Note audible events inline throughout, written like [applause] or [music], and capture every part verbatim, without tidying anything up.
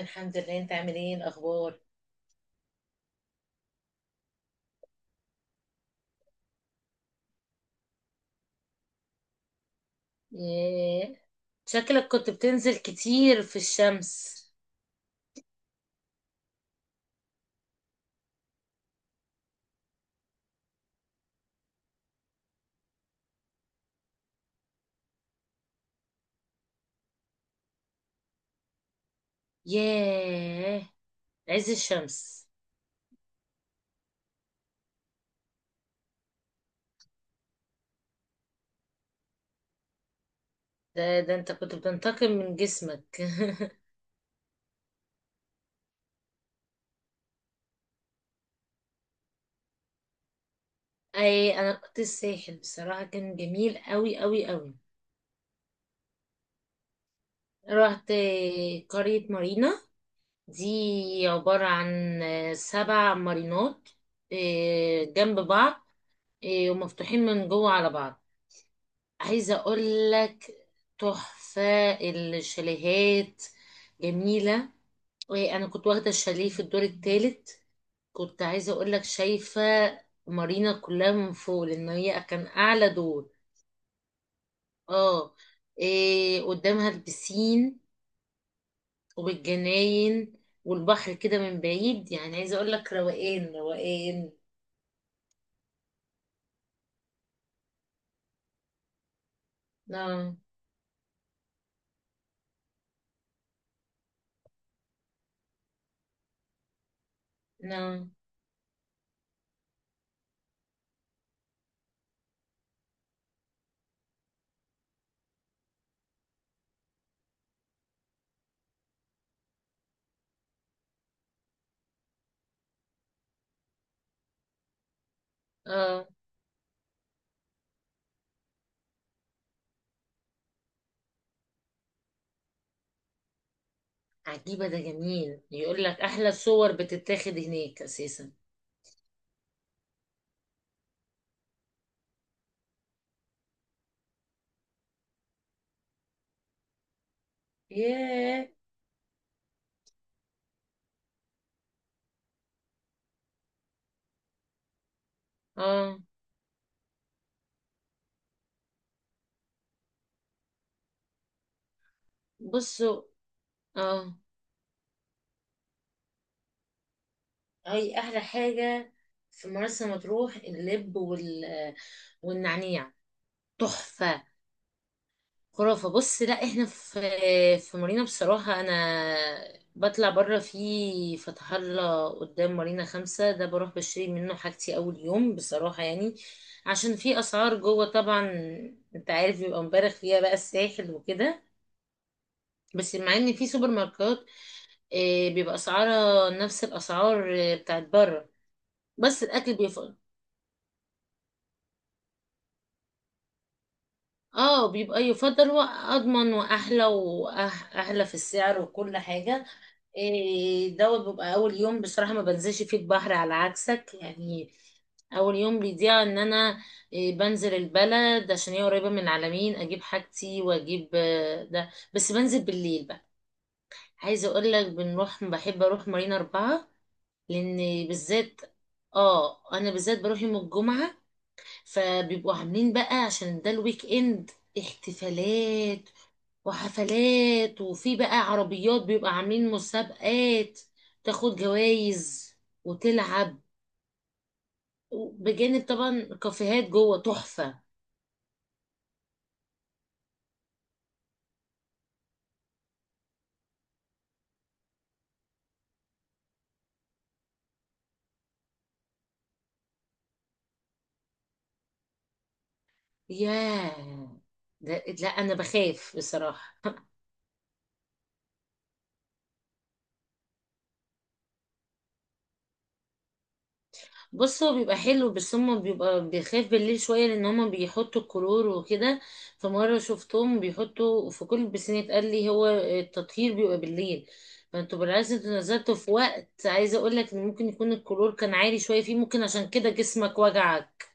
الحمد لله. انت عامل ايه الاخبار؟ ياه، شكلك كنت بتنزل كتير في الشمس. ياه، عز الشمس. ده ده انت كنت بتنتقم من جسمك. [laughs] اي، انا كنت الساحل، بصراحة كان جميل قوي قوي قوي. رحت قرية مارينا، دي عبارة عن سبع مارينات. إيه، جنب بعض. إيه، ومفتوحين من جوه على بعض. عايزة اقول لك، تحفة الشاليهات، جميلة. انا كنت واخدة الشاليه في الدور الثالث. كنت عايزة اقول لك، شايفة مارينا كلها من فوق، لان هي كان اعلى دور. اه. إيه، قدامها البسين والجناين والبحر كده من بعيد، يعني عايزة اقول لك، روقان روقان. نعم، نعم. اه، عجيبة ده جميل، يقول لك احلى صور بتتاخد هناك اساسا. ياه. اه. بصوا، اه، هي احلى حاجه في مرسى مطروح اللب وال... والنعناع، تحفه، خرافه. بص، لا احنا في في مارينا بصراحه، انا بطلع بره في فتح الله قدام مارينا خمسة، ده بروح بشتري منه حاجتي اول يوم بصراحه يعني. عشان في اسعار جوه طبعا، انت عارف بيبقى مبالغ فيها بقى الساحل وكده. بس مع ان في سوبر ماركت، آه، بيبقى اسعارها نفس الاسعار آه، بتاعت بره، بس الاكل بيفضل. اه، بيبقى يفضل واضمن واحلى، واحلى في السعر وكل حاجه. إيه دوت بيبقى اول يوم بصراحه ما بنزلش فيه البحر، على عكسك يعني. اول يوم بيضيع، ان انا إيه، بنزل البلد عشان هي قريبه من العلمين، اجيب حاجتي واجيب آه، ده. بس بنزل بالليل بقى. عايزه اقول لك، بنروح، بحب اروح مارينا اربعة، لان بالذات. اه، انا بالذات بروح يوم الجمعه، فبيبقوا عاملين بقى عشان ده الويك اند، احتفالات وحفلات، وفي بقى عربيات بيبقى عاملين مسابقات، تاخد جوائز وتلعب، بجانب طبعا كافيهات جوه تحفه. ياه. ده لا، انا بخاف بصراحه. بص، هو بيبقى حلو بس هما بيبقى بيخاف بالليل شوية، لأن هما بيحطوا الكلور وكده. فمرة شفتهم بيحطوا في كل البسينات، قال لي هو التطهير بيبقى بالليل. فانتوا بالعكس، انتوا نزلتوا في وقت، عايزة اقولك ان ممكن يكون الكلور كان عالي شوية فيه ممكن، عشان كده جسمك وجعك.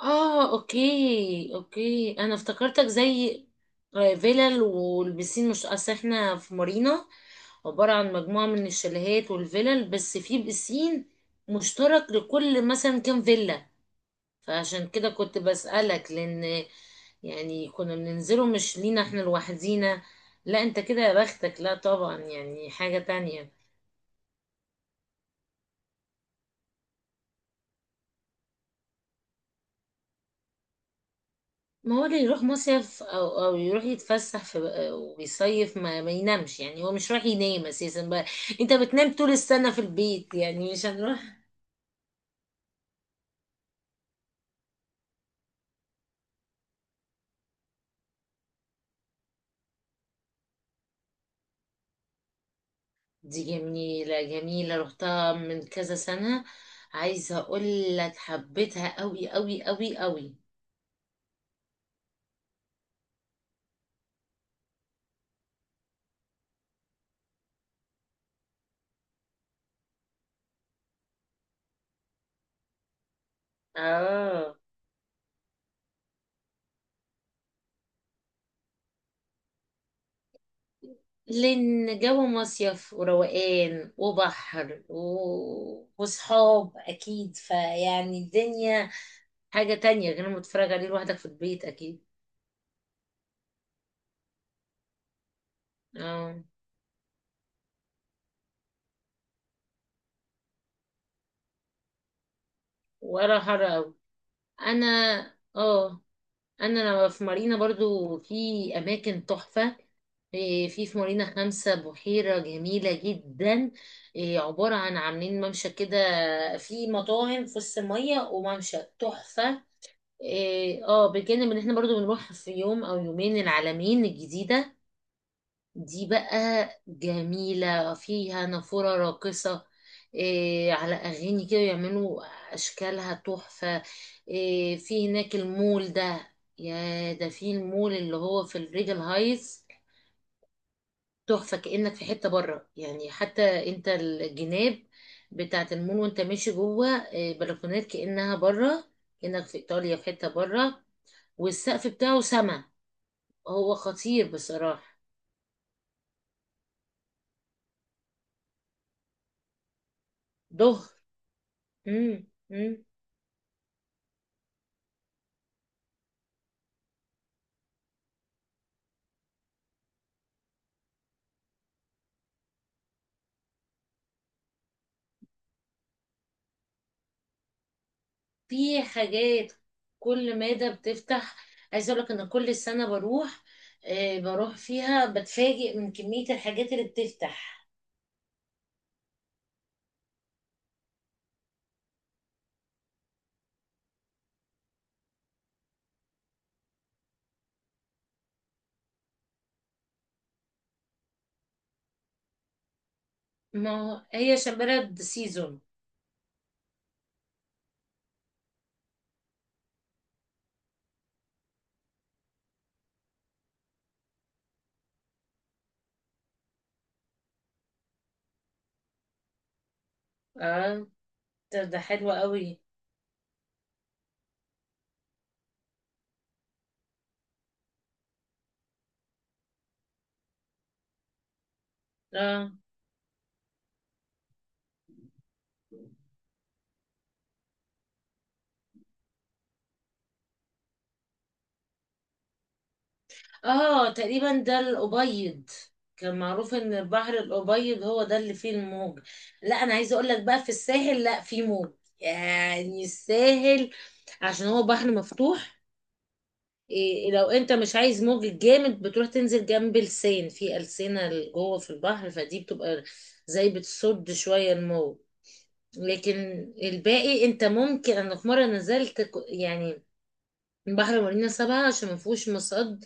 اه، اوكي اوكي، انا افتكرتك زي آه، فيلل والبسين. مش اصل احنا في مارينا عبارة عن مجموعة من الشاليهات والفلل، بس في بسين مشترك لكل مثلا كام فيلا. فعشان كده كنت بسألك، لأن يعني كنا بننزله مش لينا احنا لوحدينا. لا، انت كده يا بختك، لا طبعا يعني حاجة تانية. ما هو اللي يروح مصيف أو, أو يروح يتفسح في ويصيف ما, ما ينامش، يعني هو مش رايح ينام أساسا بقى. انت بتنام طول السنة في البيت يعني، مش هنروح. دي جميلة، جميلة، رحتها من كذا سنة. عايزة اقول لك، حبيتها قوي قوي قوي قوي. اه، لان جو مصيف وروقان وبحر و... وصحاب اكيد، فيعني الدنيا حاجة تانية غير ما تتفرج عليه لوحدك في البيت اكيد. اه، ولا حر قوي. انا، اه، انا لما في مارينا برضو في اماكن تحفة. إيه، في في مارينا خمسة بحيرة جميلة جدا. إيه، عبارة عن عاملين ممشى كده، في مطاعم في وسط المية، وممشى تحفة. إيه، اه، بجانب ان احنا برضو بنروح في يوم او يومين العلمين الجديدة. دي بقى جميلة فيها نافورة راقصة، إيه، على اغاني كده يعملوا اشكالها تحفة. إيه، في هناك المول ده، يا ده في المول اللي هو في الريجل هايتس، تحفة، كأنك في حتة بره يعني. حتى انت الجناب بتاعة المول، وانت ماشي جوه آه، بلكونات كأنها بره، كأنك في إيطاليا في حتة بره. والسقف بتاعه سما، هو خطير بصراحة. ضهر. مم. مم. في حاجات كل مادة بتفتح. عايزة اقولك ان كل سنة بروح، آه، بروح فيها بتفاجئ من كمية الحاجات اللي بتفتح. ما هو- هي عشان بلد سيزون. اه، ده ده حلو قوي. اه، اه، تقريبا ده الأبيض، كان معروف ان البحر الأبيض هو ده اللي فيه الموج. لا، انا عايزه اقول لك بقى، في الساحل لا فيه موج، يعني الساحل عشان هو بحر مفتوح. إيه، إيه، لو انت مش عايز موج جامد بتروح تنزل جنب لسان، في ألسنة جوه في البحر، فدي بتبقى زي بتصد شوية الموج. لكن الباقي انت ممكن، انا في مرة نزلت ك- يعني بحر مارينا سبعة، عشان ما فيهوش مصد.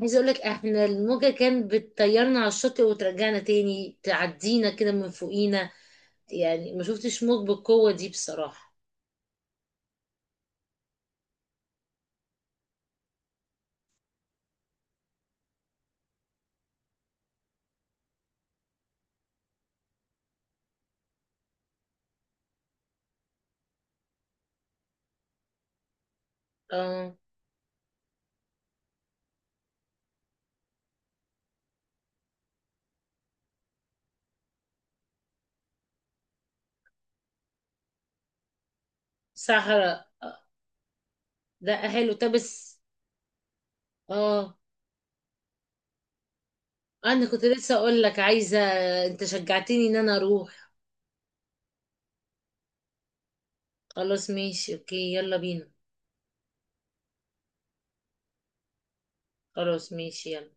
عايزه اقول لك، احنا الموجه كانت بتطيرنا على الشاطئ وترجعنا تاني، تعدينا كده من فوقينا، يعني ما شفتش موج بالقوه دي بصراحه. اه، صحراء. آه، ده حلو. طب بس. اه، انا كنت لسه اقول لك، عايزه. انت شجعتني ان انا اروح. خلاص، ماشي، اوكي، يلا بينا. خلاص، ماشي، يلا.